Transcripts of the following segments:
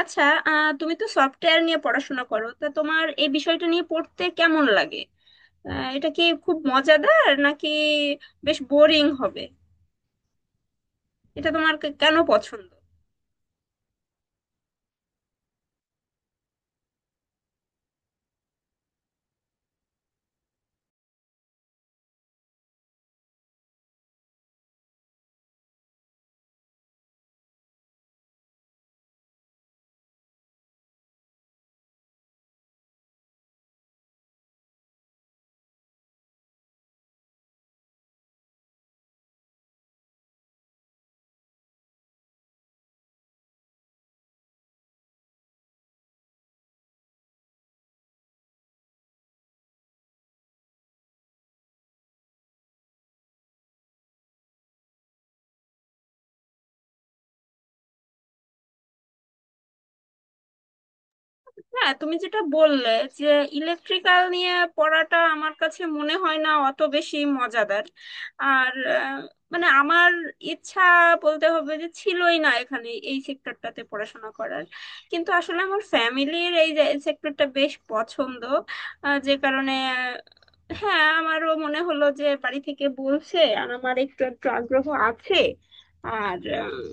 আচ্ছা। তুমি তো সফটওয়্যার নিয়ে পড়াশোনা করো, তা তোমার এই বিষয়টা নিয়ে পড়তে কেমন লাগে? এটা কি খুব মজাদার, নাকি বেশ বোরিং হবে? এটা তোমার কেন পছন্দ? হ্যাঁ, তুমি যেটা বললে যে ইলেকট্রিক্যাল নিয়ে পড়াটা আমার কাছে মনে হয় না অত বেশি মজাদার। আর মানে আমার ইচ্ছা বলতে হবে যে ছিলই না এখানে এই সেক্টরটাতে পড়াশোনা করার, কিন্তু আসলে আমার ফ্যামিলির এই সেক্টরটা বেশ পছন্দ। যে কারণে হ্যাঁ, আমারও মনে হলো যে বাড়ি থেকে বলছে আর আমার একটু একটু আগ্রহ আছে আর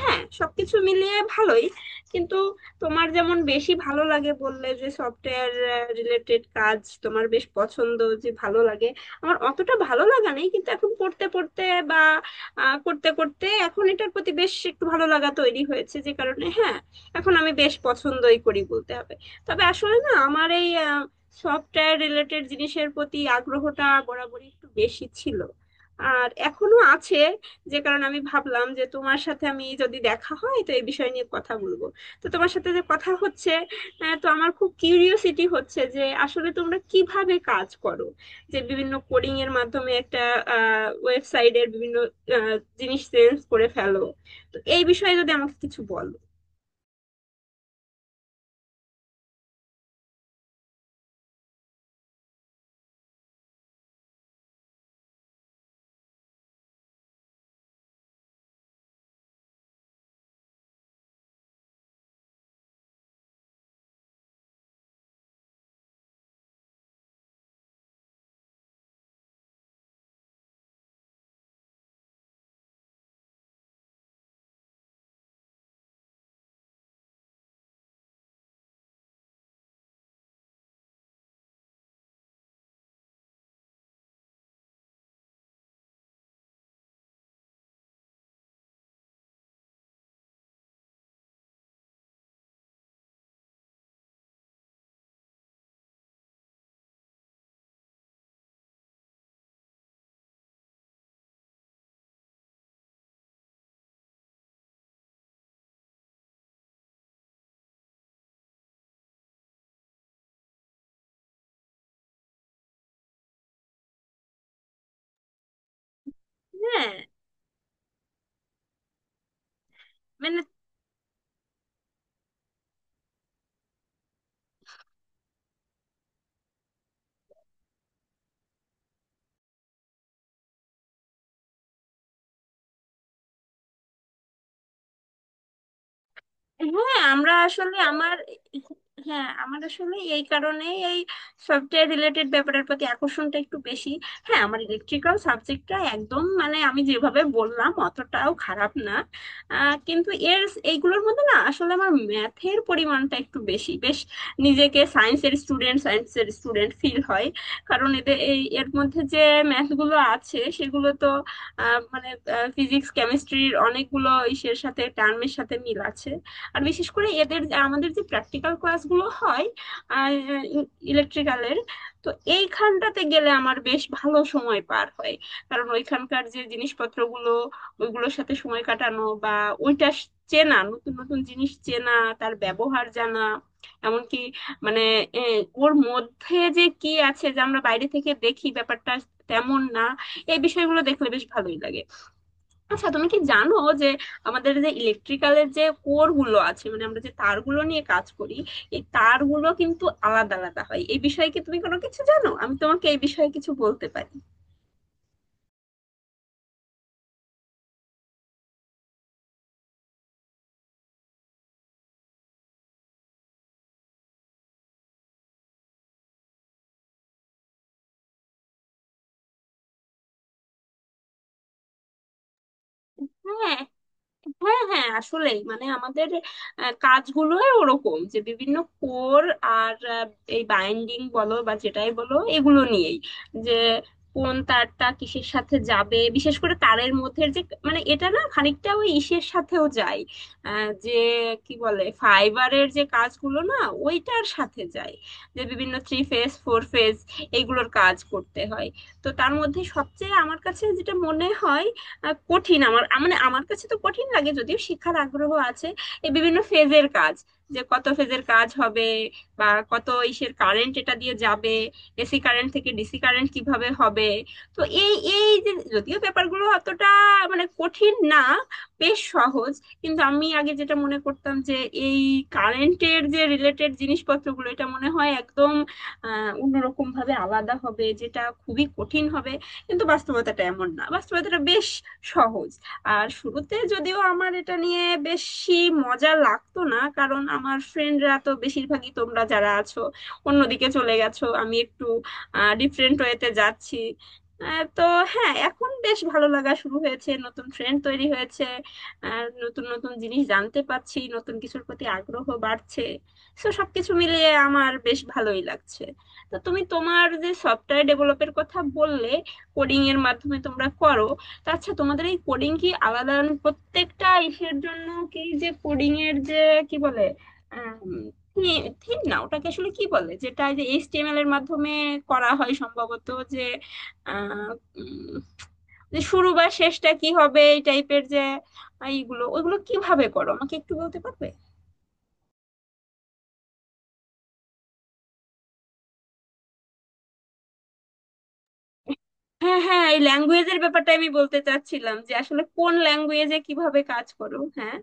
হ্যাঁ, সবকিছু মিলিয়ে ভালোই। কিন্তু তোমার যেমন বেশি ভালো লাগে বললে যে সফটওয়্যার রিলেটেড কাজ তোমার বেশ পছন্দ, যে ভালো লাগে, আমার অতটা ভালো লাগা নেই। কিন্তু এখন পড়তে পড়তে বা করতে করতে এখন এটার প্রতি বেশ একটু ভালো লাগা তৈরি হয়েছে, যে কারণে হ্যাঁ, এখন আমি বেশ পছন্দই করি বলতে হবে। তবে আসলে না, আমার এই সফটওয়্যার রিলেটেড জিনিসের প্রতি আগ্রহটা বরাবরই একটু বেশি ছিল আর এখনো আছে, যে কারণে আমি ভাবলাম যে তোমার সাথে আমি যদি দেখা হয় তো এই বিষয় নিয়ে কথা বলবো। তো তোমার সাথে যে কথা হচ্ছে, তো আমার খুব কিউরিওসিটি হচ্ছে যে আসলে তোমরা কিভাবে কাজ করো, যে বিভিন্ন কোডিং এর মাধ্যমে একটা ওয়েবসাইটের বিভিন্ন জিনিস চেঞ্জ করে ফেলো। তো এই বিষয়ে যদি আমাকে কিছু বলো। হ্যাঁ, মানে আমরা আসলে আমার হ্যাঁ, আমার আসলে এই কারণেই এই সফটওয়্যার রিলেটেড ব্যাপারের প্রতি আকর্ষণটা একটু বেশি। হ্যাঁ, আমার ইলেকট্রিক্যাল সাবজেক্টটা একদম মানে আমি যেভাবে বললাম অতটাও খারাপ না। কিন্তু এর এইগুলোর মধ্যে না আসলে আমার ম্যাথের পরিমাণটা একটু বেশি, বেশ নিজেকে সায়েন্সের স্টুডেন্ট ফিল হয়। কারণ এদের এই এর মধ্যে যে ম্যাথগুলো আছে সেগুলো তো মানে ফিজিক্স কেমিস্ট্রির অনেকগুলো ইসের সাথে টার্মের সাথে মিল আছে। আর বিশেষ করে এদের আমাদের যে প্র্যাকটিক্যাল ক্লাসগুলো হয় ইলেকট্রিক্যালের, তো এইখানটাতে গেলে আমার বেশ ভালো সময় পার হয়। কারণ ওইখানকার যে জিনিসপত্রগুলো, ওইগুলোর সাথে সময় কাটানো বা চেনা, নতুন নতুন জিনিস চেনা, তার ব্যবহার জানা, এমনকি মানে এ, ওর মধ্যে যে কি আছে, যা আমরা বাইরে থেকে দেখি ব্যাপারটা তেমন না, এই বিষয়গুলো দেখলে বেশ ভালোই লাগে। আচ্ছা, তুমি কি জানো যে আমাদের যে ইলেকট্রিক্যালের যে কোর গুলো আছে মানে আমরা যে তারগুলো নিয়ে কাজ করি, এই তারগুলো কিন্তু আলাদা আলাদা হয়? এই বিষয়ে কি তুমি কোনো কিছু জানো? আমি তোমাকে এই বিষয়ে কিছু বলতে পারি। হ্যাঁ হ্যাঁ হ্যাঁ, আসলেই মানে আমাদের কাজগুলোই ওরকম যে বিভিন্ন কোর আর এই বাইন্ডিং বলো বা যেটাই বলো, এগুলো নিয়েই, যে কোন তারটা কিসের সাথে যাবে। বিশেষ করে তারের মধ্যে যে মানে, এটা না খানিকটা ওই ইসের সাথেও যায়, যে কি বলে ফাইবারের যে কাজগুলো না, ওইটার সাথে যায়, যে বিভিন্ন থ্রি ফেজ ফোর ফেজ এইগুলোর কাজ করতে হয়। তো তার মধ্যে সবচেয়ে আমার কাছে যেটা মনে হয় কঠিন, মানে আমার কাছে তো কঠিন লাগে যদিও শিক্ষার আগ্রহ আছে, এই বিভিন্ন ফেজের কাজ, যে কত ফেজের কাজ হবে বা কত ইসের কারেন্ট এটা দিয়ে যাবে, এসি কারেন্ট থেকে ডিসি কারেন্ট কিভাবে হবে। তো এই এই যে যদিও ব্যাপারগুলো অতটা মানে কঠিন না, বেশ সহজ, কিন্তু আমি আগে যেটা মনে করতাম যে এই কারেন্টের যে রিলেটেড জিনিসপত্রগুলো এটা মনে হয় একদম অন্যরকম ভাবে আলাদা হবে, যেটা খুবই কঠিন হবে, কিন্তু বাস্তবতাটা এমন না, বাস্তবতাটা বেশ সহজ। আর শুরুতে যদিও আমার এটা নিয়ে বেশি মজা লাগতো না, কারণ আমার ফ্রেন্ডরা তো বেশিরভাগই তোমরা যারা আছো অন্যদিকে চলে গেছো, আমি একটু ডিফারেন্ট ওয়েতে যাচ্ছি। তো হ্যাঁ, এখন বেশ ভালো লাগা শুরু হয়েছে, নতুন ফ্রেন্ড তৈরি হয়েছে আর নতুন নতুন জিনিস জানতে পারছি, নতুন কিছুর প্রতি আগ্রহ বাড়ছে। তো সবকিছু মিলিয়ে আমার বেশ ভালোই লাগছে। তো তুমি, তোমার যে সফটওয়্যার ডেভেলপের কথা বললে, কোডিং এর মাধ্যমে তোমরা করো, তো আচ্ছা তোমাদের এই কোডিং কি আলাদা মানে প্রত্যেকটা ইসের জন্য, কি যে কোডিং এর যে কি বলে, থিম না ওটাকে আসলে কি বলে, যেটা এই যে এইচটিএমএল এর মাধ্যমে করা হয় সম্ভবত, যে আহ, উম, যে শুরু বা শেষটা কি হবে এই টাইপের যে, এইগুলো ওইগুলো কিভাবে করো আমাকে একটু বলতে পারবে? হ্যাঁ হ্যাঁ, এই ল্যাঙ্গুয়েজের ব্যাপারটা আমি বলতে চাচ্ছিলাম যে আসলে কোন ল্যাঙ্গুয়েজে কিভাবে কাজ করো, হ্যাঁ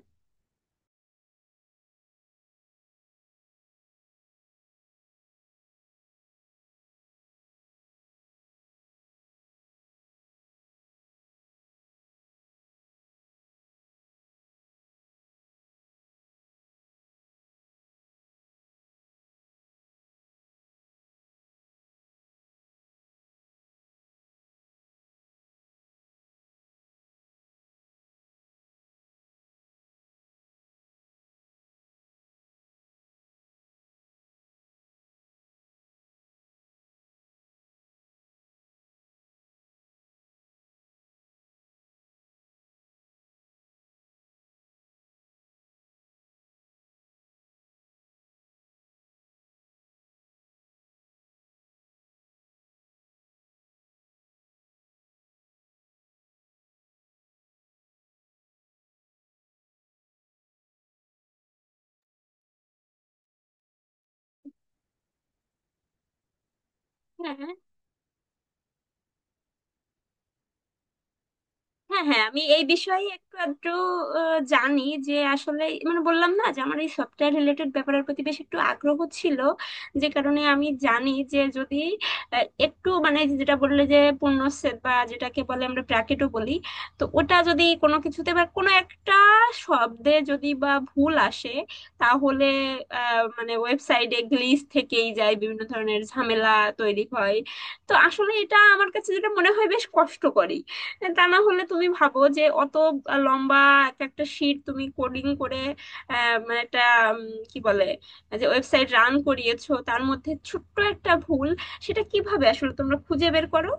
হ্যাঁ হ্যাঁ হ্যাঁ আমি এই বিষয়ে একটু আধটু জানি যে আসলে, মানে বললাম না যে আমার এই সফটওয়্যার রিলেটেড ব্যাপারের প্রতি বেশ একটু আগ্রহ ছিল, যে কারণে আমি জানি যে যদি একটু মানে যেটা বললে যে পূর্ণচ্ছেদ বা যেটাকে বলে আমরা ব্র্যাকেটও বলি, তো ওটা যদি কোনো কিছুতে বা কোনো একটা শব্দে যদি বা ভুল আসে, তাহলে মানে ওয়েবসাইটে গ্লিচ থেকেই যায়, বিভিন্ন ধরনের ঝামেলা তৈরি হয়। তো আসলে এটা আমার কাছে যেটা মনে হয় বেশ কষ্টকরই, তা না হলে তুমি ভাবো যে অত লম্বা এক একটা শিট তুমি কোডিং করে মানে একটা উম, কি বলে যে ওয়েবসাইট রান করিয়েছো, তার মধ্যে ছোট্ট একটা ভুল সেটা কিভাবে আসলে তোমরা খুঁজে বের করো?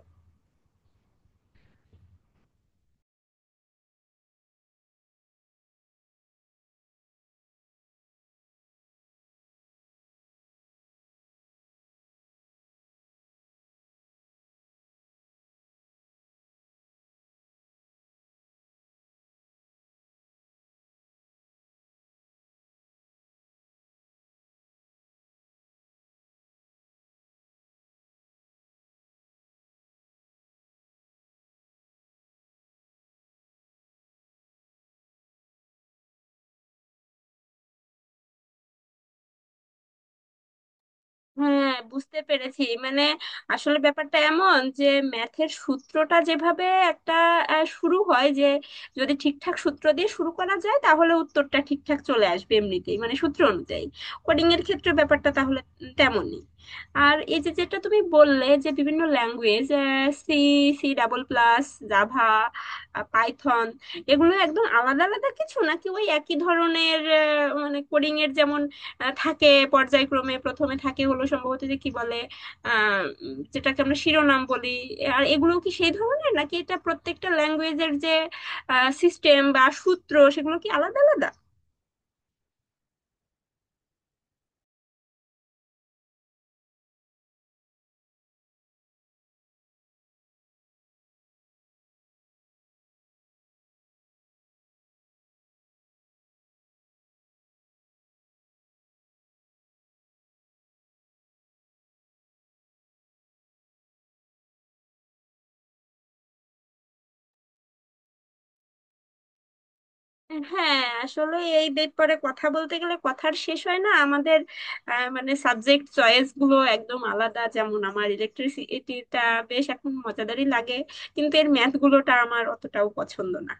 হ্যাঁ, বুঝতে পেরেছি মানে, আসলে ব্যাপারটা এমন যে ম্যাথের সূত্রটা যেভাবে একটা শুরু হয়, যে যদি ঠিকঠাক সূত্র দিয়ে শুরু করা যায় তাহলে উত্তরটা ঠিকঠাক চলে আসবে এমনিতেই, মানে সূত্র অনুযায়ী। কোডিং এর ক্ষেত্রে ব্যাপারটা তাহলে তেমনই। আর এই যে যেটা তুমি বললে যে বিভিন্ন language, C, C double plus, Java, Python, এগুলো একদম আলাদা আলাদা কিছু নাকি ওই একই ধরনের? মানে কোডিং এর যেমন থাকে পর্যায়ক্রমে, প্রথমে থাকে হলো সম্ভবত যে কি বলে যেটাকে আমরা শিরোনাম বলি, আর এগুলো কি সেই ধরনের নাকি এটা প্রত্যেকটা ল্যাঙ্গুয়েজের যে সিস্টেম বা সূত্র সেগুলো কি আলাদা আলাদা? হ্যাঁ, আসলে এই ব্যাপারে কথা বলতে গেলে কথার শেষ হয় না আমাদের। মানে সাবজেক্ট চয়েস গুলো একদম আলাদা। যেমন আমার ইলেকট্রিসিটিটা বেশ এখন মজাদারই লাগে, কিন্তু এর ম্যাথ গুলোটা আমার অতটাও পছন্দ না।